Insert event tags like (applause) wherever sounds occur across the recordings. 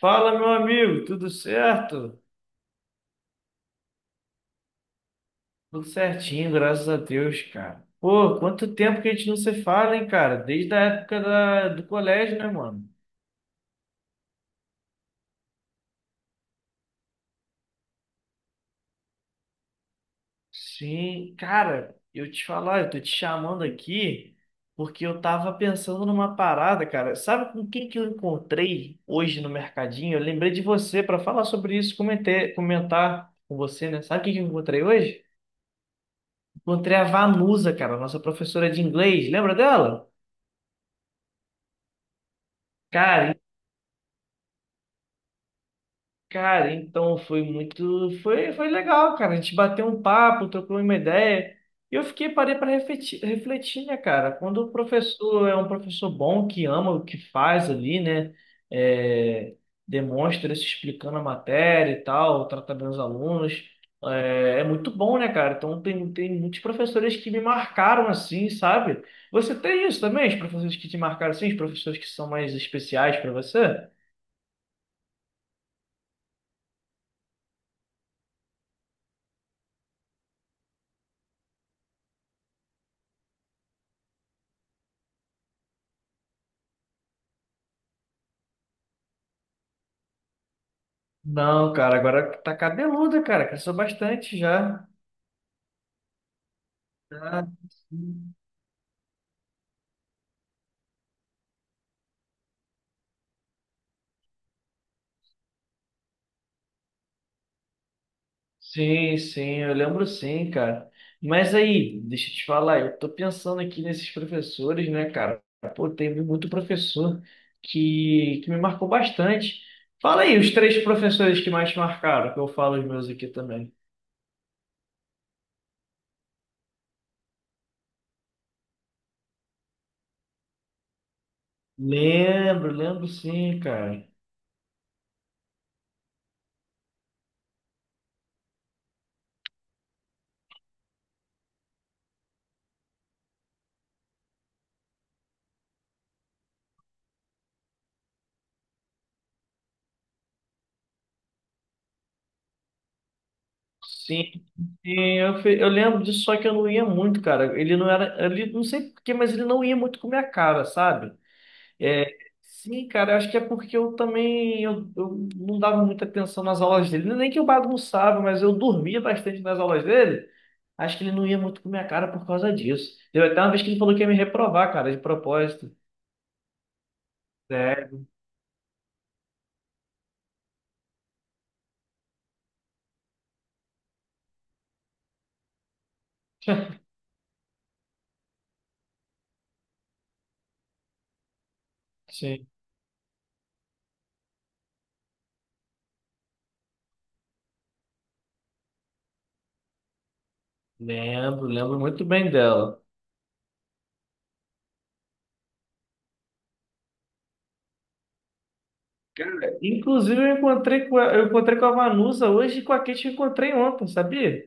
Fala, meu amigo, tudo certo? Tudo certinho, graças a Deus, cara. Pô, quanto tempo que a gente não se fala, hein, cara? Desde a época do colégio, né, mano? Sim, cara, eu te falar, eu tô te chamando aqui porque eu tava pensando numa parada, cara. Sabe com quem que eu encontrei hoje no mercadinho? Eu lembrei de você pra falar sobre isso, comentar com você, né? Sabe quem que eu encontrei hoje? Encontrei a Vanusa, cara, nossa professora de inglês. Lembra dela? Cara, Cara, então foi muito, foi legal, cara. A gente bateu um papo, trocou uma ideia. E eu fiquei, parei para refletir, né, cara? Quando o professor é um professor bom, que ama o que faz ali, né? É, demonstra se explicando a matéria e tal, trata bem os alunos. É, é muito bom, né, cara? Então tem muitos professores que me marcaram assim, sabe? Você tem isso também? Os professores que te marcaram assim, os professores que são mais especiais para você? Não, cara, agora tá cabeluda, cara. Cresceu bastante já. Ah, sim, sim, sim, eu lembro sim, cara. Mas aí, deixa eu te falar, eu tô pensando aqui nesses professores, né, cara? Pô, teve muito professor que me marcou bastante. Fala aí, os três professores que mais te marcaram, que eu falo os meus aqui também. Lembro, lembro sim, cara. Sim, Sim, eu lembro disso, só que eu não ia muito, cara. Ele não era, ele não sei por quê, mas ele não ia muito com a minha cara, sabe? É, sim, cara, eu acho que é porque eu também eu não dava muita atenção nas aulas dele. Nem que eu bagunçava, mas eu dormia bastante nas aulas dele. Acho que ele não ia muito com a minha cara por causa disso. Deu até uma vez que ele falou que ia me reprovar, cara, de propósito. É, (laughs) sim. Lembro, lembro muito bem dela. Cara, inclusive eu encontrei com a Vanusa hoje e com a Kate eu encontrei ontem, sabia?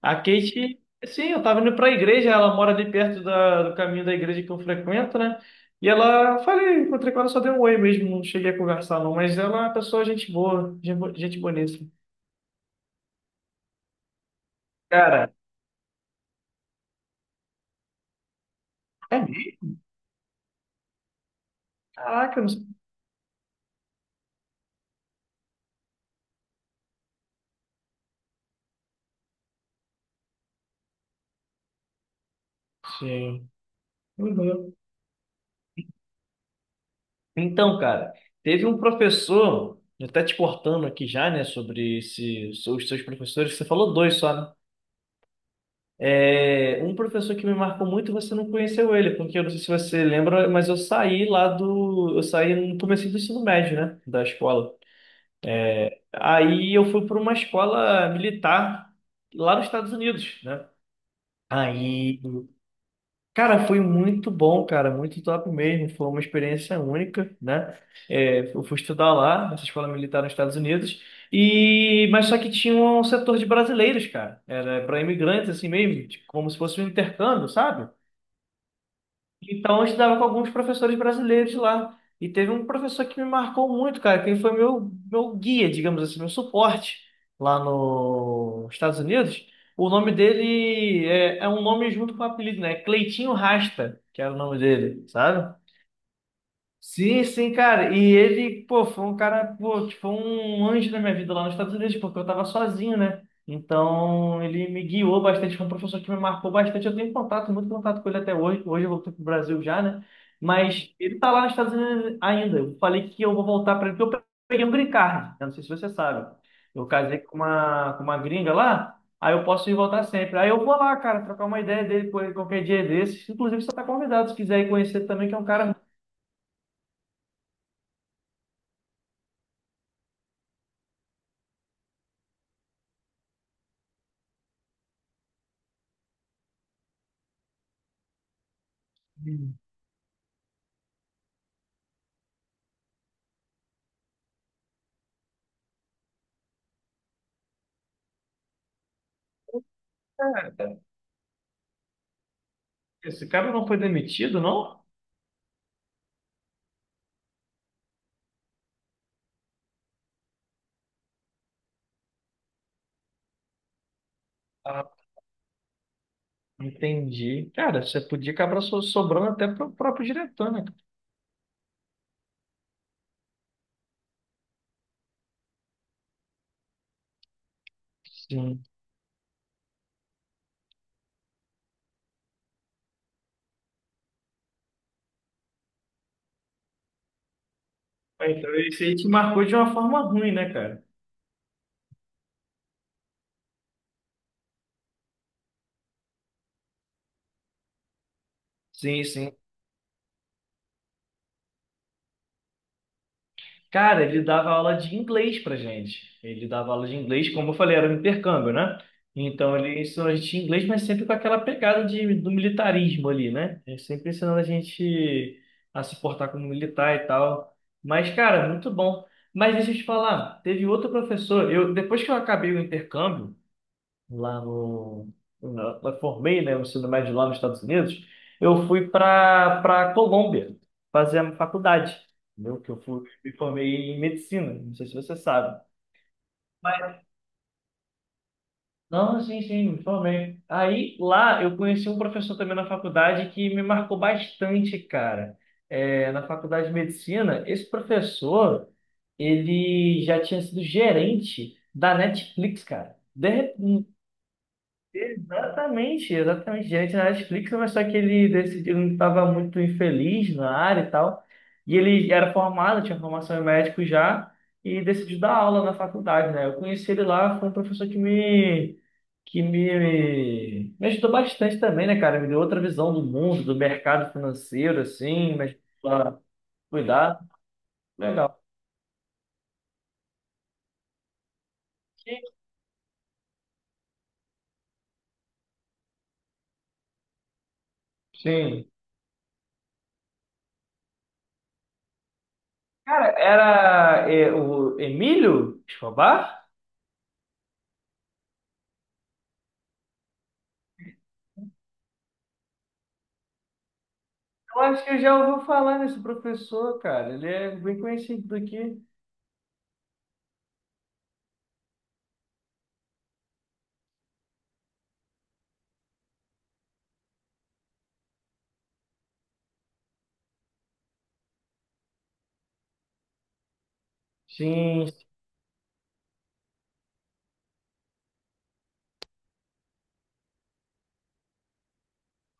A Kate, sim, eu tava indo pra igreja, ela mora ali perto do caminho da igreja que eu frequento, né? E ela, falei, encontrei com ela, só dei um oi mesmo, não cheguei a conversar não, mas ela é uma pessoa gente boa, gente bonita. Cara, é mesmo? Caraca, eu não sei. Sim. Uhum. Então, cara, teve um professor, até te cortando aqui já, né, sobre esse, os seus professores, você falou dois só, né? É, um professor que me marcou muito, você não conheceu ele, porque eu não sei se você lembra, mas eu saí lá do. Eu saí no começo do ensino médio, né? Da escola. Aí eu fui para uma escola militar lá nos Estados Unidos, né? Aí, cara, foi muito bom, cara, muito top mesmo. Foi uma experiência única, né? É, eu fui estudar lá, nessa escola militar nos Estados Unidos, e mas só que tinha um setor de brasileiros, cara. Era para imigrantes, assim mesmo, tipo, como se fosse um intercâmbio, sabe? Então, eu estudava com alguns professores brasileiros lá. E teve um professor que me marcou muito, cara, que ele foi meu guia, digamos assim, meu suporte lá nos Estados Unidos. O nome dele é um nome junto com o apelido, né? Cleitinho Rasta, que era o nome dele, sabe? Sim, sim, cara. E ele, pô, foi um cara, pô, tipo, um anjo na minha vida lá nos Estados Unidos, porque eu tava sozinho, né? Então, ele me guiou bastante, foi um professor que me marcou bastante. Eu tenho contato, muito contato com ele até hoje. Hoje eu voltei pro Brasil já, né? Mas ele tá lá nos Estados Unidos ainda. Eu falei que eu vou voltar para ele, porque eu peguei um green card. Eu não sei se você sabe. Eu casei com uma gringa lá, aí eu posso ir voltar sempre. Aí eu vou lá, cara, trocar uma ideia dele com ele qualquer dia desses. Inclusive, você tá convidado, se quiser ir conhecer também, que é um cara. Cara, esse cara não foi demitido, não? Ah, entendi. Cara, você podia acabar sobrando até pro próprio diretor, né? Cara? Sim. Ah, então, isso aí te marcou de uma forma ruim, né, cara? Sim, sim. Cara, ele dava aula de inglês pra gente. Ele dava aula de inglês, como eu falei, era um intercâmbio, né? Então ele ensinou a gente inglês, mas sempre com aquela pegada de, do militarismo ali, né? Ele sempre ensinando a gente a se portar como militar e tal. Mas, cara, muito bom. Mas deixa eu te falar, teve outro professor, eu, depois que eu acabei o intercâmbio, lá no, na- eu formei, né, o ensino médio lá nos Estados Unidos, eu fui para Colômbia fazer a faculdade, entendeu? Que eu fui, me formei em medicina, não sei se você sabe. Mas, não, sim, sim, me formei. Aí lá eu conheci um professor também na faculdade que me marcou bastante, cara. É, na faculdade de medicina, esse professor, ele já tinha sido gerente da Netflix, cara. De, exatamente, exatamente. Diante da Netflix, mas só que ele decidiu, ele estava muito infeliz na área e tal. E ele era formado, tinha formação em médico já, e decidiu dar aula na faculdade, né? Eu conheci ele lá, foi um professor me ajudou bastante também, né, cara? Me deu outra visão do mundo, do mercado financeiro, assim, mas pra cuidar. Legal. Sim. Cara, era eh, o Emílio Escobar? Eu acho que eu já ouvi falar desse professor, cara. Ele é bem conhecido daqui. Sim,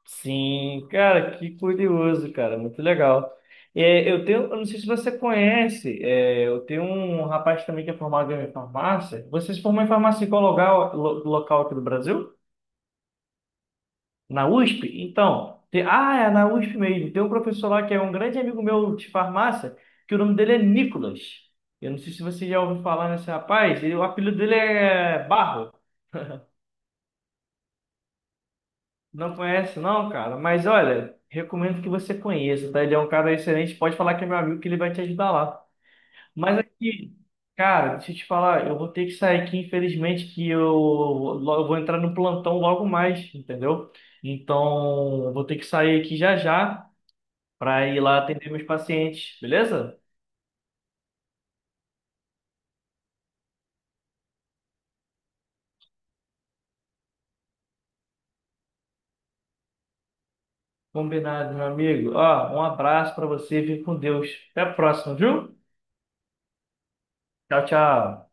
sim. Cara, que curioso, cara. Muito legal. É, eu tenho, eu não sei se você conhece, é, eu tenho um rapaz também que é formado em farmácia. Você se formou em farmácia em qual local, local aqui do Brasil? Na USP? Então, tem- ah, é na USP mesmo. Tem um professor lá que é um grande amigo meu de farmácia, que o nome dele é Nicolas. Eu não sei se você já ouviu falar nesse rapaz, ele- o apelido dele é Barro. Não conhece, não, cara? Mas olha, recomendo que você conheça, tá? Ele é um cara excelente. Pode falar que é meu amigo, que ele vai te ajudar lá. Mas aqui, cara, deixa eu te falar, eu vou ter que sair aqui, infelizmente, que eu, eu vou entrar no plantão logo mais, entendeu? Então, eu vou ter que sair aqui já já para ir lá atender meus pacientes, beleza? Combinado, meu amigo. Ó, um abraço para você, fique com Deus. Até a próxima, viu? Tchau, tchau.